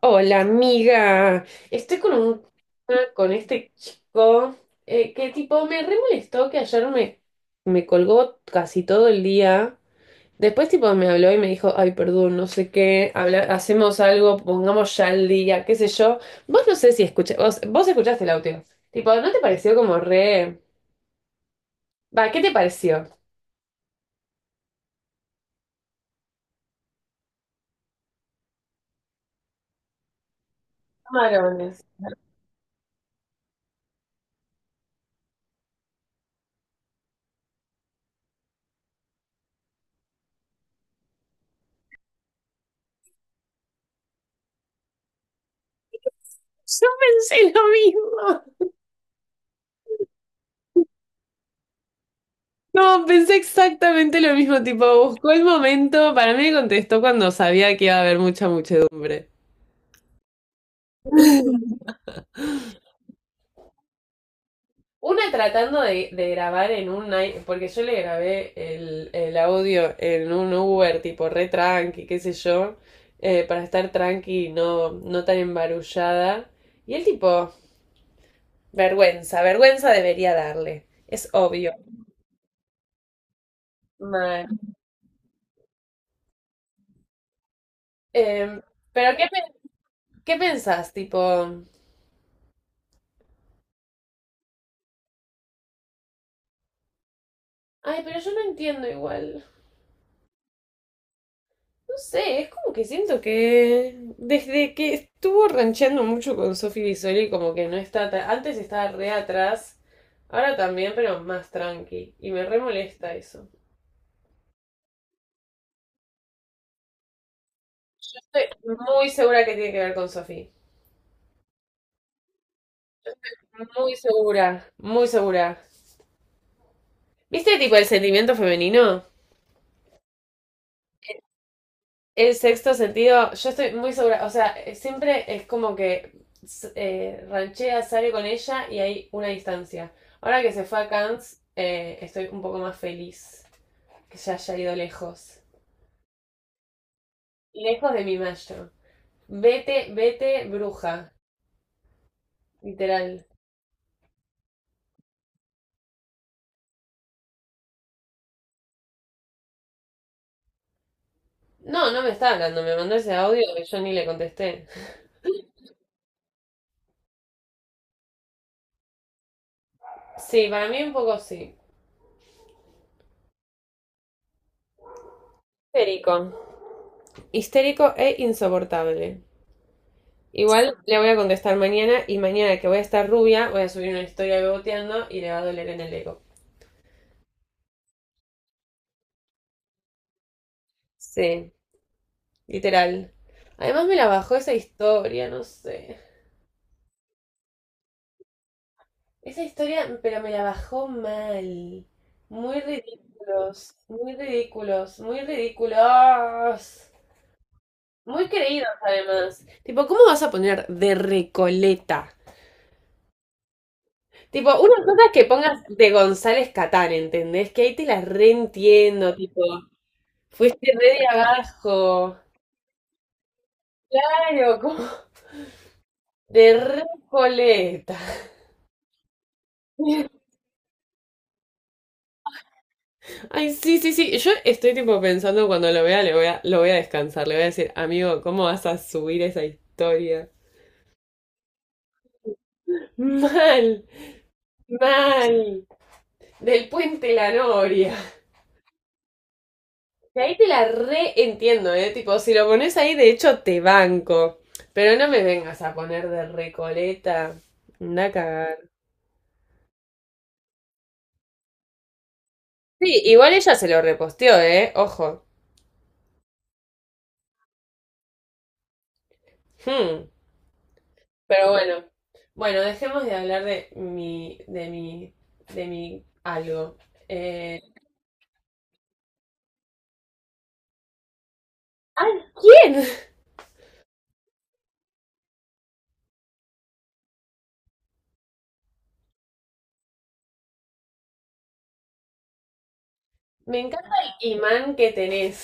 Hola, amiga. Estoy con un tema con este chico que tipo me re molestó que ayer me colgó casi todo el día. Después tipo me habló y me dijo, ay, perdón, no sé qué, hacemos algo, pongamos ya el día, qué sé yo. Vos no sé si escuché, vos escuchaste el audio. Tipo, ¿no te pareció como re... Va, ¿qué te pareció? Camarones. Yo pensé lo mismo. No, pensé exactamente lo mismo, tipo, buscó el momento, para mí me contestó cuando sabía que iba a haber mucha muchedumbre. Una tratando de grabar en un... porque yo le grabé el audio en un Uber, tipo, re tranqui, qué sé yo, para estar tranqui y no tan embarullada. Y el tipo, vergüenza debería darle, es obvio. Mal. Em, pero ¿qué pensás, tipo? Ay, pero yo no entiendo igual. No sé, es como que siento que desde que estuvo rancheando mucho con Sofi Bisoli, como que no está tan... Antes estaba re atrás, ahora también, pero más tranqui. Y me re molesta eso. Estoy muy segura que tiene que ver con Sofi. Muy segura, muy segura. ¿Viste tipo el sentimiento femenino? El sexto sentido, yo estoy muy segura, o sea, siempre es como que ranchea, sale con ella y hay una distancia. Ahora que se fue a Cannes, estoy un poco más feliz que ya haya ido lejos. Lejos de mi macho. Vete, vete, bruja, literal. No, no me está hablando, me mandó ese audio que yo ni le contesté. Sí, para mí un poco sí. Histérico. Histérico e insoportable. Igual le voy a contestar mañana y mañana que voy a estar rubia, voy a subir una historia beboteando y le va a doler en el ego. Sí, literal. Además me la bajó esa historia, no sé. Esa historia, pero me la bajó mal. Muy ridículos, muy ridículos, muy ridículos. Muy creídos además. Tipo, ¿cómo vas a poner de Recoleta? Tipo, una cosa es que pongas de González Catán, ¿entendés? Que ahí te la reentiendo, tipo. Fuiste re de abajo. Claro, como de Recoleta. Ay, sí, sí, sí. Yo estoy tipo pensando cuando lo vea, lo voy a descansar. Le voy a decir, amigo, ¿cómo vas a subir esa historia? Mal, mal. Del puente La Noria. Y ahí te la re entiendo, ¿eh? Tipo, si lo pones ahí, de hecho te banco. Pero no me vengas a poner de Recoleta. Anda a cagar. Sí, igual ella se lo reposteó, ¿eh? Ojo. Hmm. Pero bueno. Bueno, dejemos de hablar de de mi algo. Eh, ¡Ay, quién! Me encanta el imán que tenés.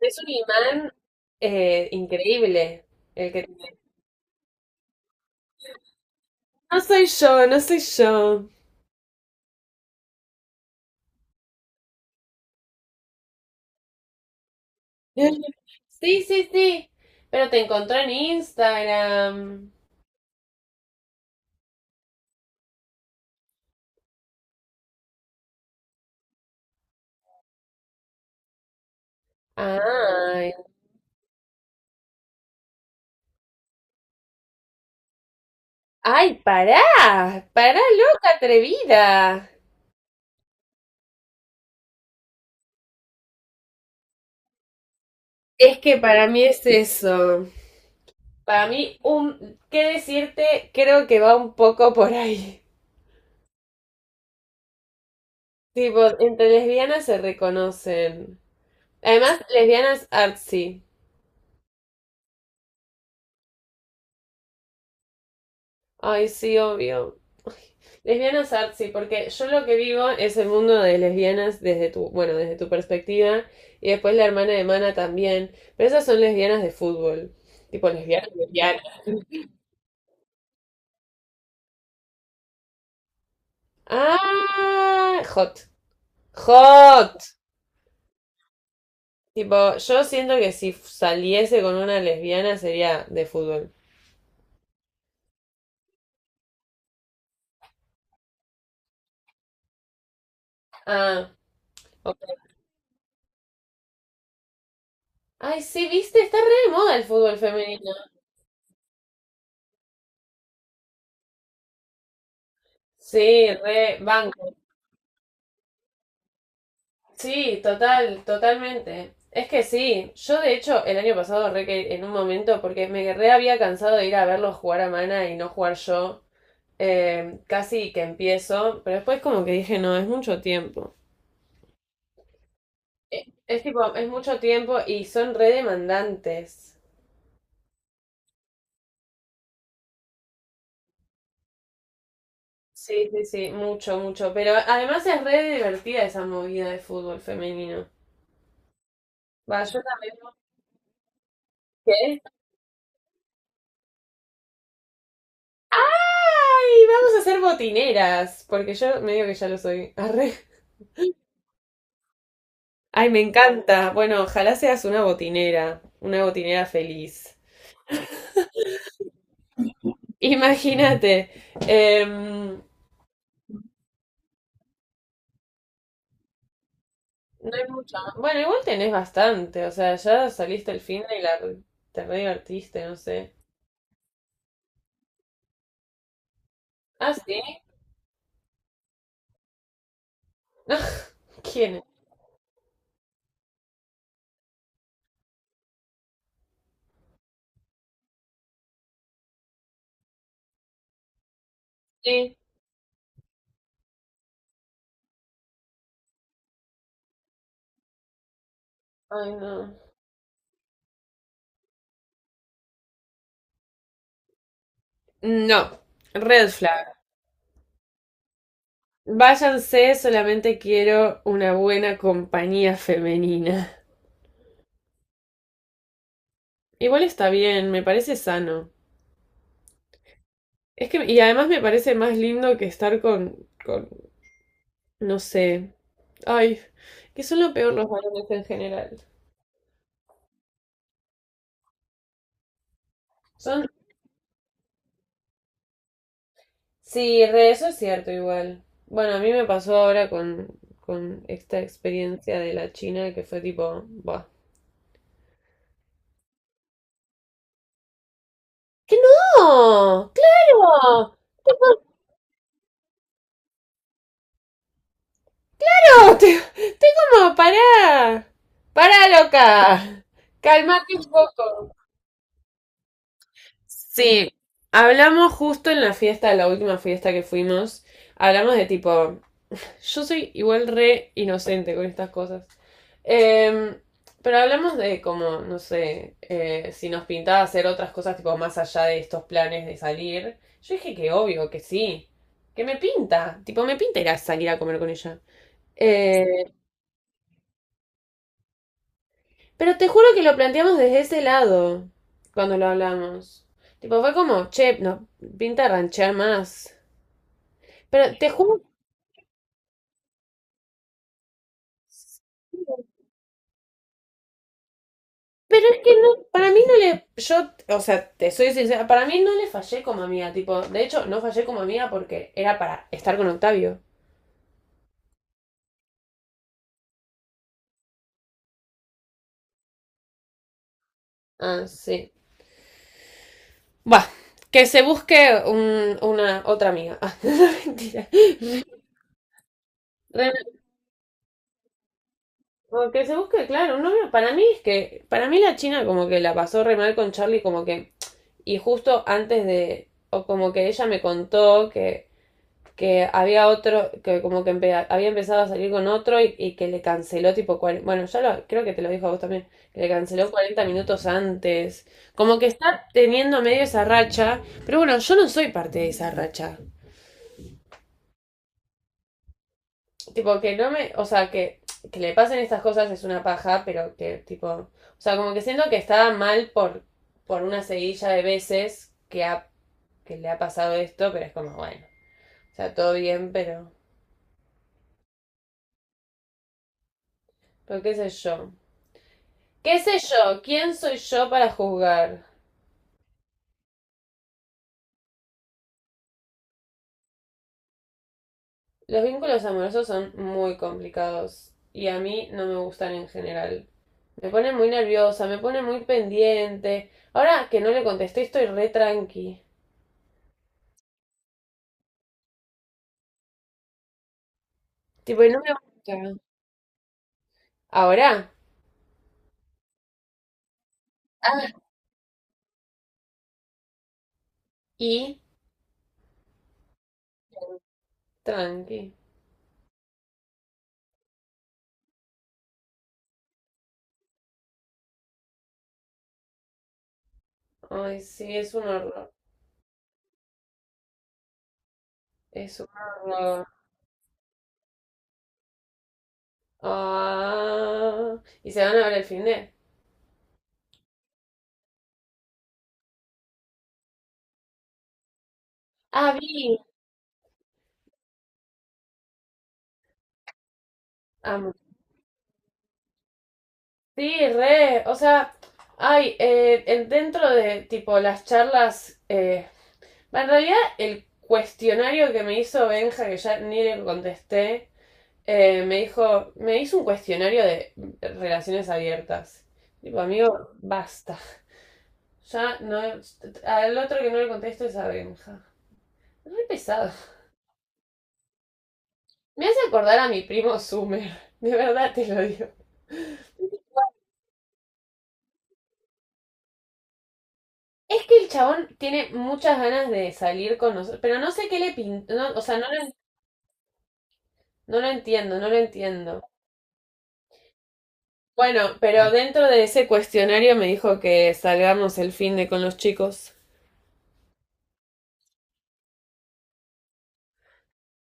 Es un imán increíble el que tenés. No soy yo, no soy yo. Sí, sí, sí. Pero te encontró en Instagram. Ay. Ay, pará. Pará, loca atrevida. Es que para mí es eso. Para mí, un, ¿qué decirte? Creo que va un poco por ahí. Tipo, entre lesbianas se reconocen. Además, lesbianas artsy. Ay, sí, obvio. Lesbianas artsy, porque yo lo que vivo es el mundo de lesbianas desde desde tu perspectiva, y después la hermana de Mana también, pero esas son lesbianas de fútbol. Tipo, lesbianas, lesbianas. Ah, hot. Hot. Tipo, yo siento que si saliese con una lesbiana sería de fútbol. Ah, ok. Ay, sí, viste, está re de moda el fútbol femenino. Sí, re banco. Sí, total, totalmente. Es que sí, yo de hecho el año pasado re que en un momento, porque me re había cansado de ir a verlos jugar a Mana y no jugar yo, casi que empiezo, pero después como que dije, no, es mucho tiempo. Tipo, es mucho tiempo y son re demandantes. Sí, sí, sí, mucho, mucho. Pero además es re divertida esa movida de fútbol femenino. Va, yo también. ¿Qué? Ay, vamos a ser botineras, porque yo medio que ya lo soy. Arre. Ay, me encanta. Bueno, ojalá seas una botinera feliz. Imagínate. Em, no hay mucho. Más. Bueno, igual tenés bastante, o sea, ya saliste el fin de y la te re divertiste, no sé. Ah, sí. ¿Quién? Sí. Ay, no. No, red flag. Váyanse, solamente quiero una buena compañía femenina. Igual está bien, me parece sano. Es que, y además me parece más lindo que estar con, no sé, ay, que son lo peor los varones en general. Son, sí, re, eso es cierto igual. Bueno, a mí me pasó ahora con esta experiencia de la China que fue tipo, va. ¡Que no! ¡Claro! Tipo, ¡Claro! Te como, pará. Pará, loca. Calmate un poco. Sí, hablamos justo en la fiesta, la última fiesta que fuimos, hablamos de tipo, yo soy igual re inocente con estas cosas. Em, pero hablamos de como, no sé, si nos pintaba hacer otras cosas tipo más allá de estos planes de salir. Yo dije que obvio, que sí, que me pinta, tipo me pinta ir a salir a comer con ella. Eh, pero te juro que lo planteamos desde ese lado, cuando lo hablamos. Tipo, fue como, che, nos pinta ranchear más. Pero te juro, pero es que no, para mí no le, yo, o sea, te soy sincera, para mí no le fallé como amiga, tipo, de hecho, no fallé como amiga porque era para estar con Octavio. Ah, sí. Va, que se busque una otra amiga. Ah, mentira. Re- o que se busque, claro, un novio. Para mí es que, para mí la China como que la pasó re mal con Charlie, como que, y justo antes de, o como que ella me contó que había otro, que como que había empezado a salir con otro y que le canceló tipo, bueno, ya lo, creo que te lo dijo a vos también, que le canceló 40 minutos antes. Como que está teniendo medio esa racha, pero bueno, yo no soy parte de esa racha. Tipo, que no me, o sea, que le pasen estas cosas es una paja, pero que tipo, o sea, como que siento que estaba mal por una seguilla de veces que, ha, que le ha pasado esto, pero es como, bueno, o sea, todo bien, pero qué sé yo. ¿Qué sé yo? ¿Quién soy yo para juzgar? Los vínculos amorosos son muy complicados y a mí no me gustan en general. Me pone muy nerviosa, me pone muy pendiente. Ahora que no le contesté, estoy re tranqui. Tipo, y no me gusta. Ahora. Ah. Y tranqui. Ay, sí, es un horror. Es un horror. Ah. Y se van a ver el fin de. Ah, vi. Ah, Sí, re, o sea, hay dentro de tipo las charlas, en realidad el cuestionario que me hizo Benja, que ya ni le contesté, me hizo un cuestionario de relaciones abiertas. Tipo, amigo, basta. Ya no, al otro que no le contesto es a Benja. Es re pesado. Me hace acordar a mi primo Summer. De verdad te lo digo. Es que el chabón tiene muchas ganas de salir con nosotros, pero no sé qué le pintó, o sea, no lo entiendo, no lo entiendo. Bueno, pero dentro de ese cuestionario me dijo que salgamos el fin de con los chicos.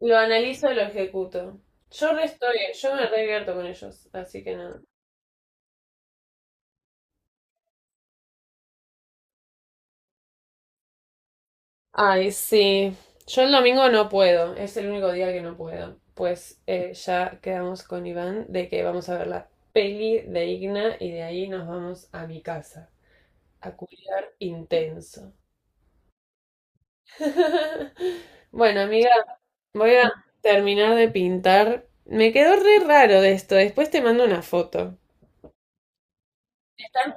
Lo analizo y lo ejecuto. Yo re estoy, yo me revierto con ellos, así que nada. Ay, sí. Yo el domingo no puedo, es el único día que no puedo. Pues ya quedamos con Iván de que vamos a ver la peli de Igna y de ahí nos vamos a mi casa. A culiar intenso. Bueno, amiga, voy a terminar de pintar. Me quedó re raro de esto. Después te mando una foto. Está en,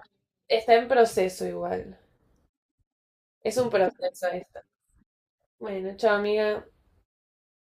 está en proceso igual. Es un proceso esto. Bueno, chao, amiga.